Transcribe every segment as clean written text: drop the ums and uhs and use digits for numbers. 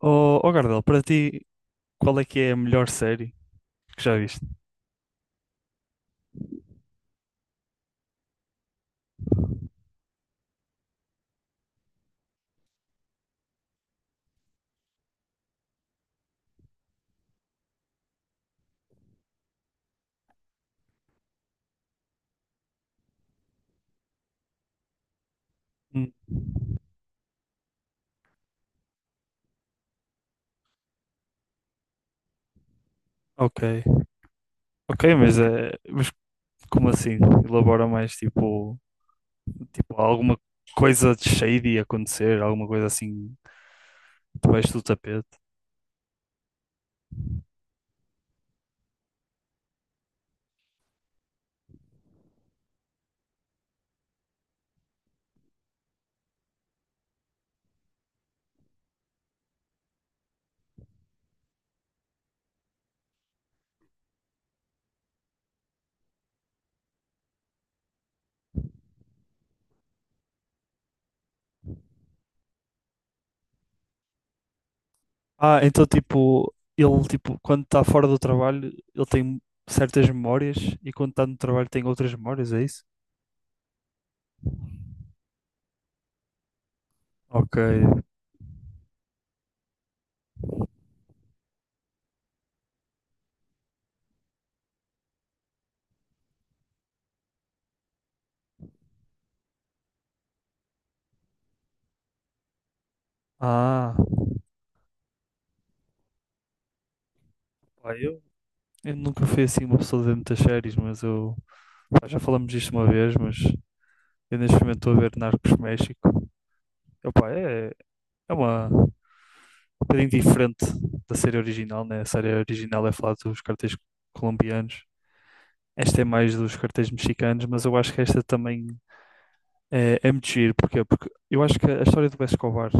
Oh Gardel, para ti, qual é que é a melhor série que já viste? Hum. Ok, ok, mas como assim? Elabora mais tipo. Tipo, alguma coisa de shady acontecer, alguma coisa assim debaixo do tapete. Ah, então tipo, ele tipo, quando está fora do trabalho, ele tem certas memórias e quando está no trabalho tem outras memórias, é isso? Ok. Ah, pá, eu nunca fui assim uma pessoa de ver muitas séries, mas eu pá, já falamos disto uma vez, mas eu neste momento estou a ver Narcos México. Epá, é uma um bocadinho diferente da série original, né? A série original é falar dos cartéis colombianos. Esta é mais dos cartéis mexicanos, mas eu acho que esta também é muito giro. Porquê? Porque eu acho que a história do Pablo Escobar,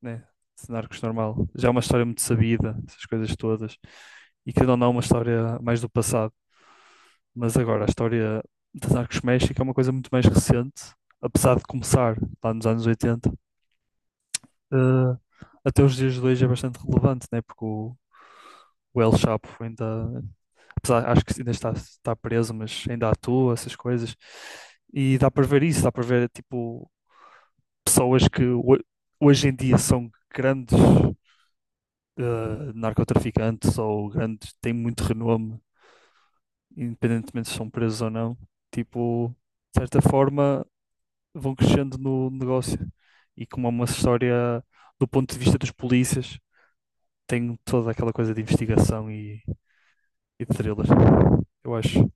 né, de Narcos normal, já é uma história muito sabida, essas coisas todas, e que não é uma história mais do passado. Mas agora, a história de Narcos México é uma coisa muito mais recente, apesar de começar lá nos anos 80, eh, até os dias de hoje é bastante relevante, né? Porque o El Chapo ainda acho que ainda está preso, mas ainda atua, essas coisas. E dá para ver isso, dá para ver, tipo, pessoas que hoje em dia são grandes narcotraficantes ou grandes, têm muito renome, independentemente se são presos ou não. Tipo, de certa forma, vão crescendo no negócio. E como é uma história, do ponto de vista dos polícias, tem toda aquela coisa de investigação e de thriller. Eu acho.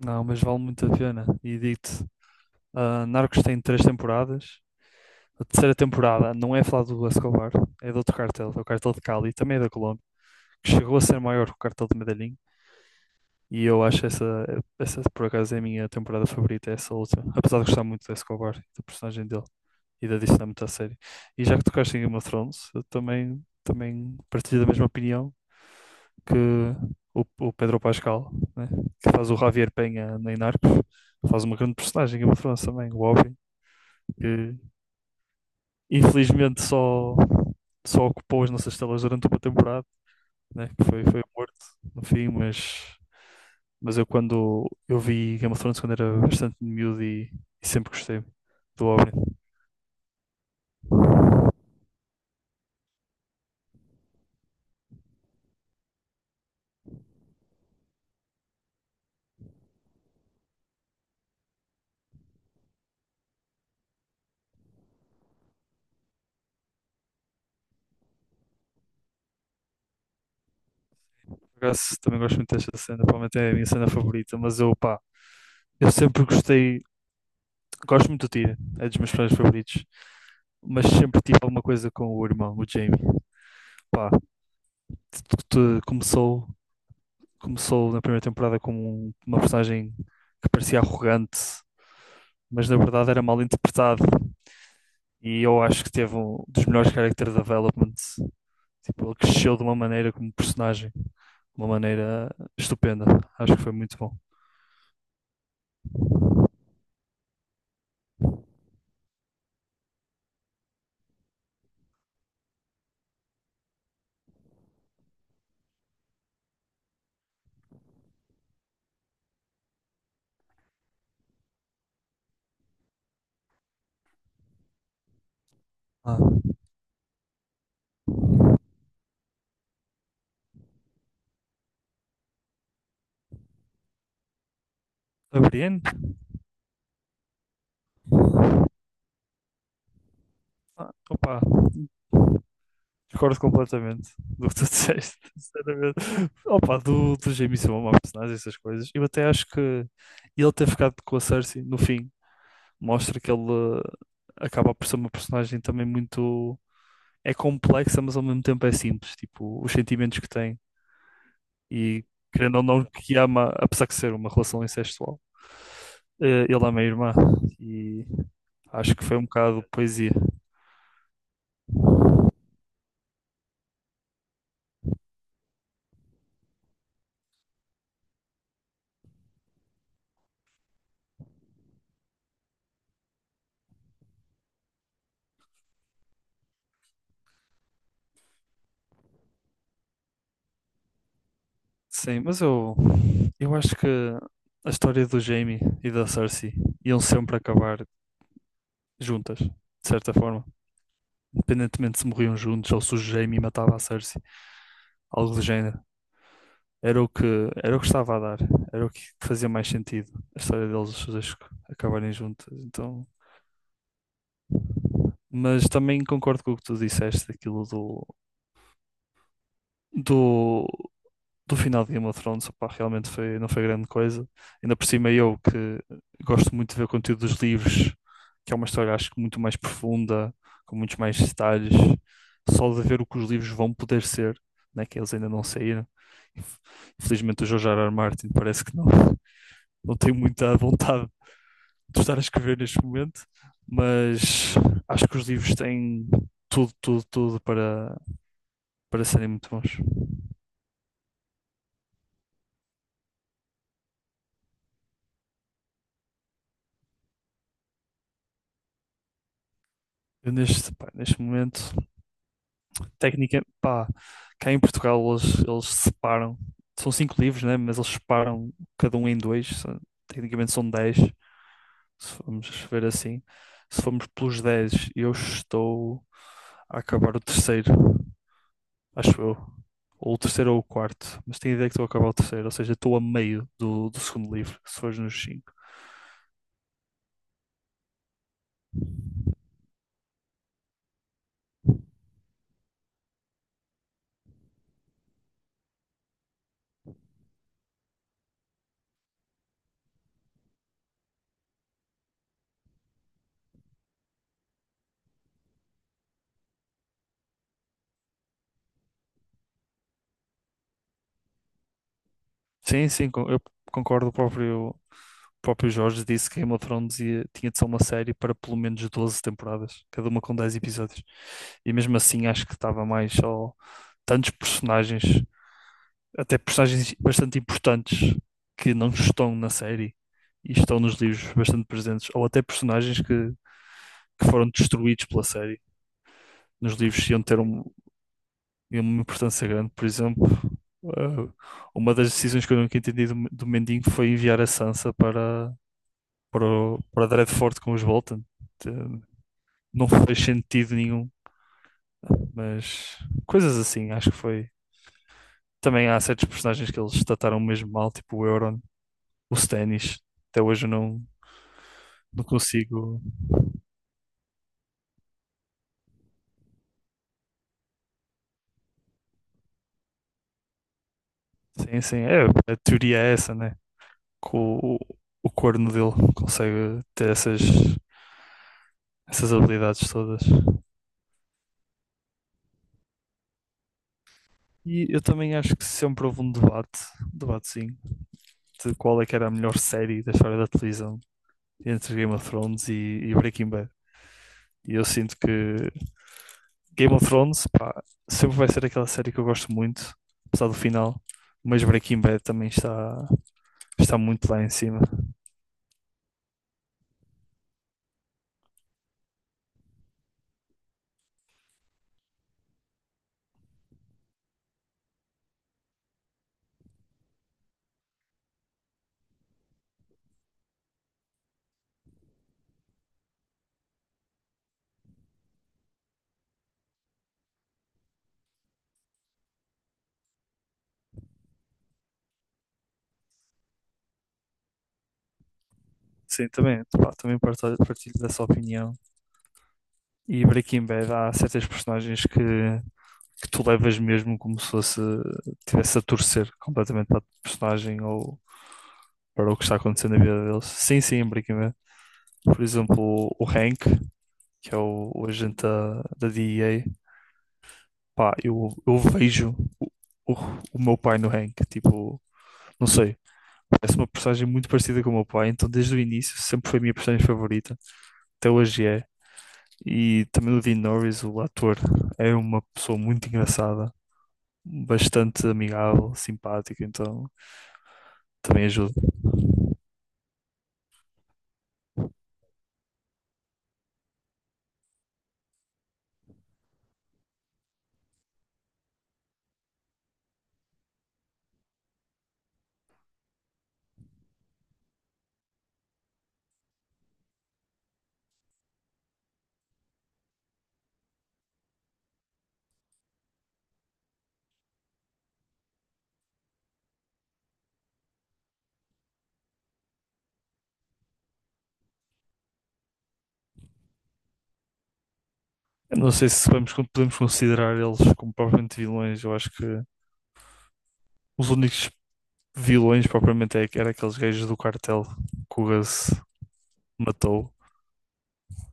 Não, mas vale muito a pena. E digo. Ah, Narcos tem três temporadas. A terceira temporada não é falada do Escobar, é de outro cartel, é o cartel de Cali, também é da Colômbia, que chegou a ser maior que o cartel de Medellín. E eu acho essa por acaso, é a minha temporada favorita, é essa última. Apesar de gostar muito do Escobar, da personagem dele e da dinâmica da série. E já que tocaste em Game of Thrones, eu também partilho da mesma opinião que o Pedro Pascal, né, que faz o Javier Peña em Narcos, faz uma grande personagem em Game of Thrones também, o Oberyn, que infelizmente só ocupou as nossas telas durante uma temporada, né? Que foi um morto no fim, mas eu quando eu vi Game of Thrones quando era bastante miúdo e sempre gostei do Oberyn. Por acaso, também gosto muito desta cena, provavelmente é a minha cena favorita, mas eu pá, eu sempre gostei, gosto muito do Tyrion, é dos meus personagens favoritos, mas sempre tive alguma coisa com o irmão, o Jaime. Pá, tudo começou na primeira temporada como uma personagem que parecia arrogante, mas na verdade era mal interpretado. E eu acho que teve um dos melhores character developments. Tipo, ele cresceu de uma maneira como personagem, de uma maneira estupenda. Acho que foi muito bom. Ah, a Brienne? Ah, opa, discordo completamente do que tu disseste, sinceramente. Opa, do Jaime ser uma má personagem, essas coisas. Eu até acho que ele ter ficado com a Cersei no fim mostra que ele eh, acaba por ser uma personagem também muito. É complexa, mas ao mesmo tempo é simples. Tipo, os sentimentos que tem e querendo ou não que ama, apesar de ser uma relação incestual. Ele ama a irmã e acho que foi um bocado poesia. Sim, mas eu acho que a história do Jamie e da Cersei iam sempre acabar juntas, de certa forma. Independentemente se morriam juntos ou se o Jamie matava a Cersei, algo do género. Era o que, era o que estava a dar, era o que fazia mais sentido, a história deles os dois acabarem juntos, então, mas também concordo com o que tu disseste, aquilo do, do final de Game of Thrones, opá, realmente foi, não foi grande coisa, ainda por cima eu que gosto muito de ver o conteúdo dos livros, que é uma história acho que muito mais profunda, com muitos mais detalhes, só de ver o que os livros vão poder ser, né, que eles ainda não saíram, infelizmente o George R. R. Martin parece que não tenho muita vontade de estar a escrever neste momento, mas acho que os livros têm tudo, tudo, tudo para serem muito bons. Eu pá, neste momento, pá, cá em Portugal eles separam, são cinco livros, né? Mas eles separam cada um em dois, tecnicamente são dez, se formos ver assim. Se formos pelos dez, eu estou a acabar o terceiro, acho eu. Ou o terceiro ou o quarto, mas tenho a ideia que estou a acabar o terceiro, ou seja, estou a meio do segundo livro, se fores nos cinco. Sim, sim, eu concordo. O próprio Jorge disse que Game of Thrones tinha de ser uma série para pelo menos 12 temporadas, cada uma com 10 episódios. E mesmo assim acho que estava mais só tantos personagens, até personagens bastante importantes que não estão na série e estão nos livros bastante presentes, ou até personagens que foram destruídos pela série. Nos livros iam ter e uma importância grande. Por exemplo, eh, uma das decisões que eu nunca entendi do Mendinho foi enviar a Sansa para Dreadfort com os Bolton. Te- Não fez sentido nenhum, mas coisas assim, acho que foi. Também há certos personagens que eles trataram mesmo mal, tipo o Euron, o Stannis. Até hoje eu não consigo. Sim, sim, é, a teoria é essa, né? Que o corno dele consegue ter essas habilidades todas. E eu também acho que sempre houve um debate sim, de qual é que era a melhor série da história da televisão entre Game of Thrones e Breaking Bad. E eu sinto que Game of Thrones, pá, sempre vai ser aquela série que eu gosto muito, apesar do final, mas Breaking Bad também está muito lá em cima. Sim, pá, também partilho dessa opinião. E Breaking Bad há certas personagens que tu levas mesmo como se fosse tivesse a torcer completamente para o personagem ou para o que está acontecendo na vida deles. Sim, sim, em Breaking Bad. Por exemplo, o Hank, que é o agente da DEA, pá, eu vejo o, o, o meu pai no Hank, tipo, não sei. Parece uma personagem muito parecida com o meu pai, então desde o início sempre foi a minha personagem favorita, até hoje é. E também o Dean Norris, o ator, é uma pessoa muito engraçada, bastante amigável, simpática, então também ajuda. Eu não sei se podemos considerar eles como propriamente vilões, eu acho que os únicos vilões propriamente era aqueles gajos do cartel que o Gus matou.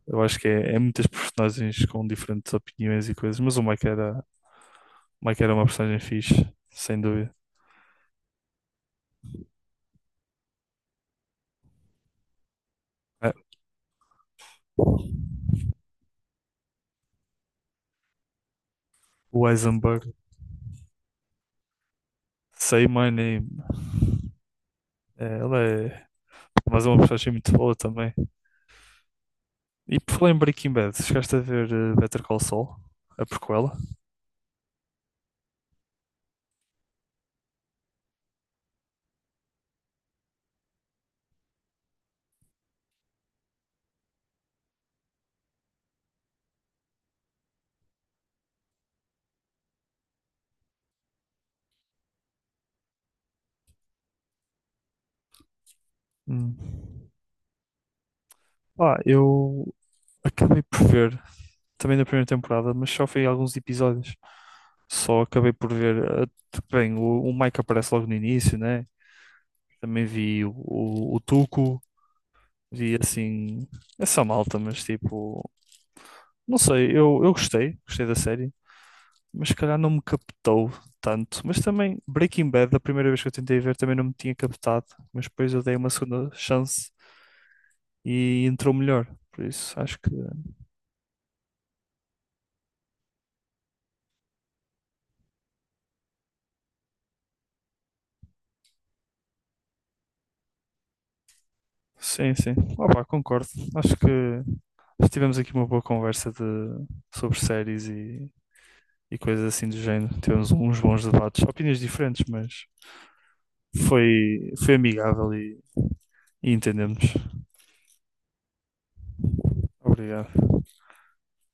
Eu acho que é muitas personagens com diferentes opiniões e coisas, mas o Mike era uma personagem fixe, sem dúvida. É, o Eisenberg, Say My Name, é, ela é, mas é uma personagem muito boa também. E por falar em Breaking Bad, chegaste a ver Better Call Saul, a prequela? Hum. Ah, eu acabei por ver também da primeira temporada, mas só vi alguns episódios. Só acabei por ver. eh, Bem, o Mike aparece logo no início, né? Também vi o Tuco, vi assim, essa malta, mas tipo, não sei, eu gostei da série, mas se calhar não me captou tanto. Mas também Breaking Bad, da primeira vez que eu tentei ver, também não me tinha captado, mas depois eu dei uma segunda chance e entrou melhor. Por isso, acho que sim, sim. Opa, concordo. Acho que Mas tivemos aqui uma boa conversa sobre séries e coisas assim do género. Tivemos uns bons debates, opiniões diferentes, mas foi amigável e entendemos. Obrigado.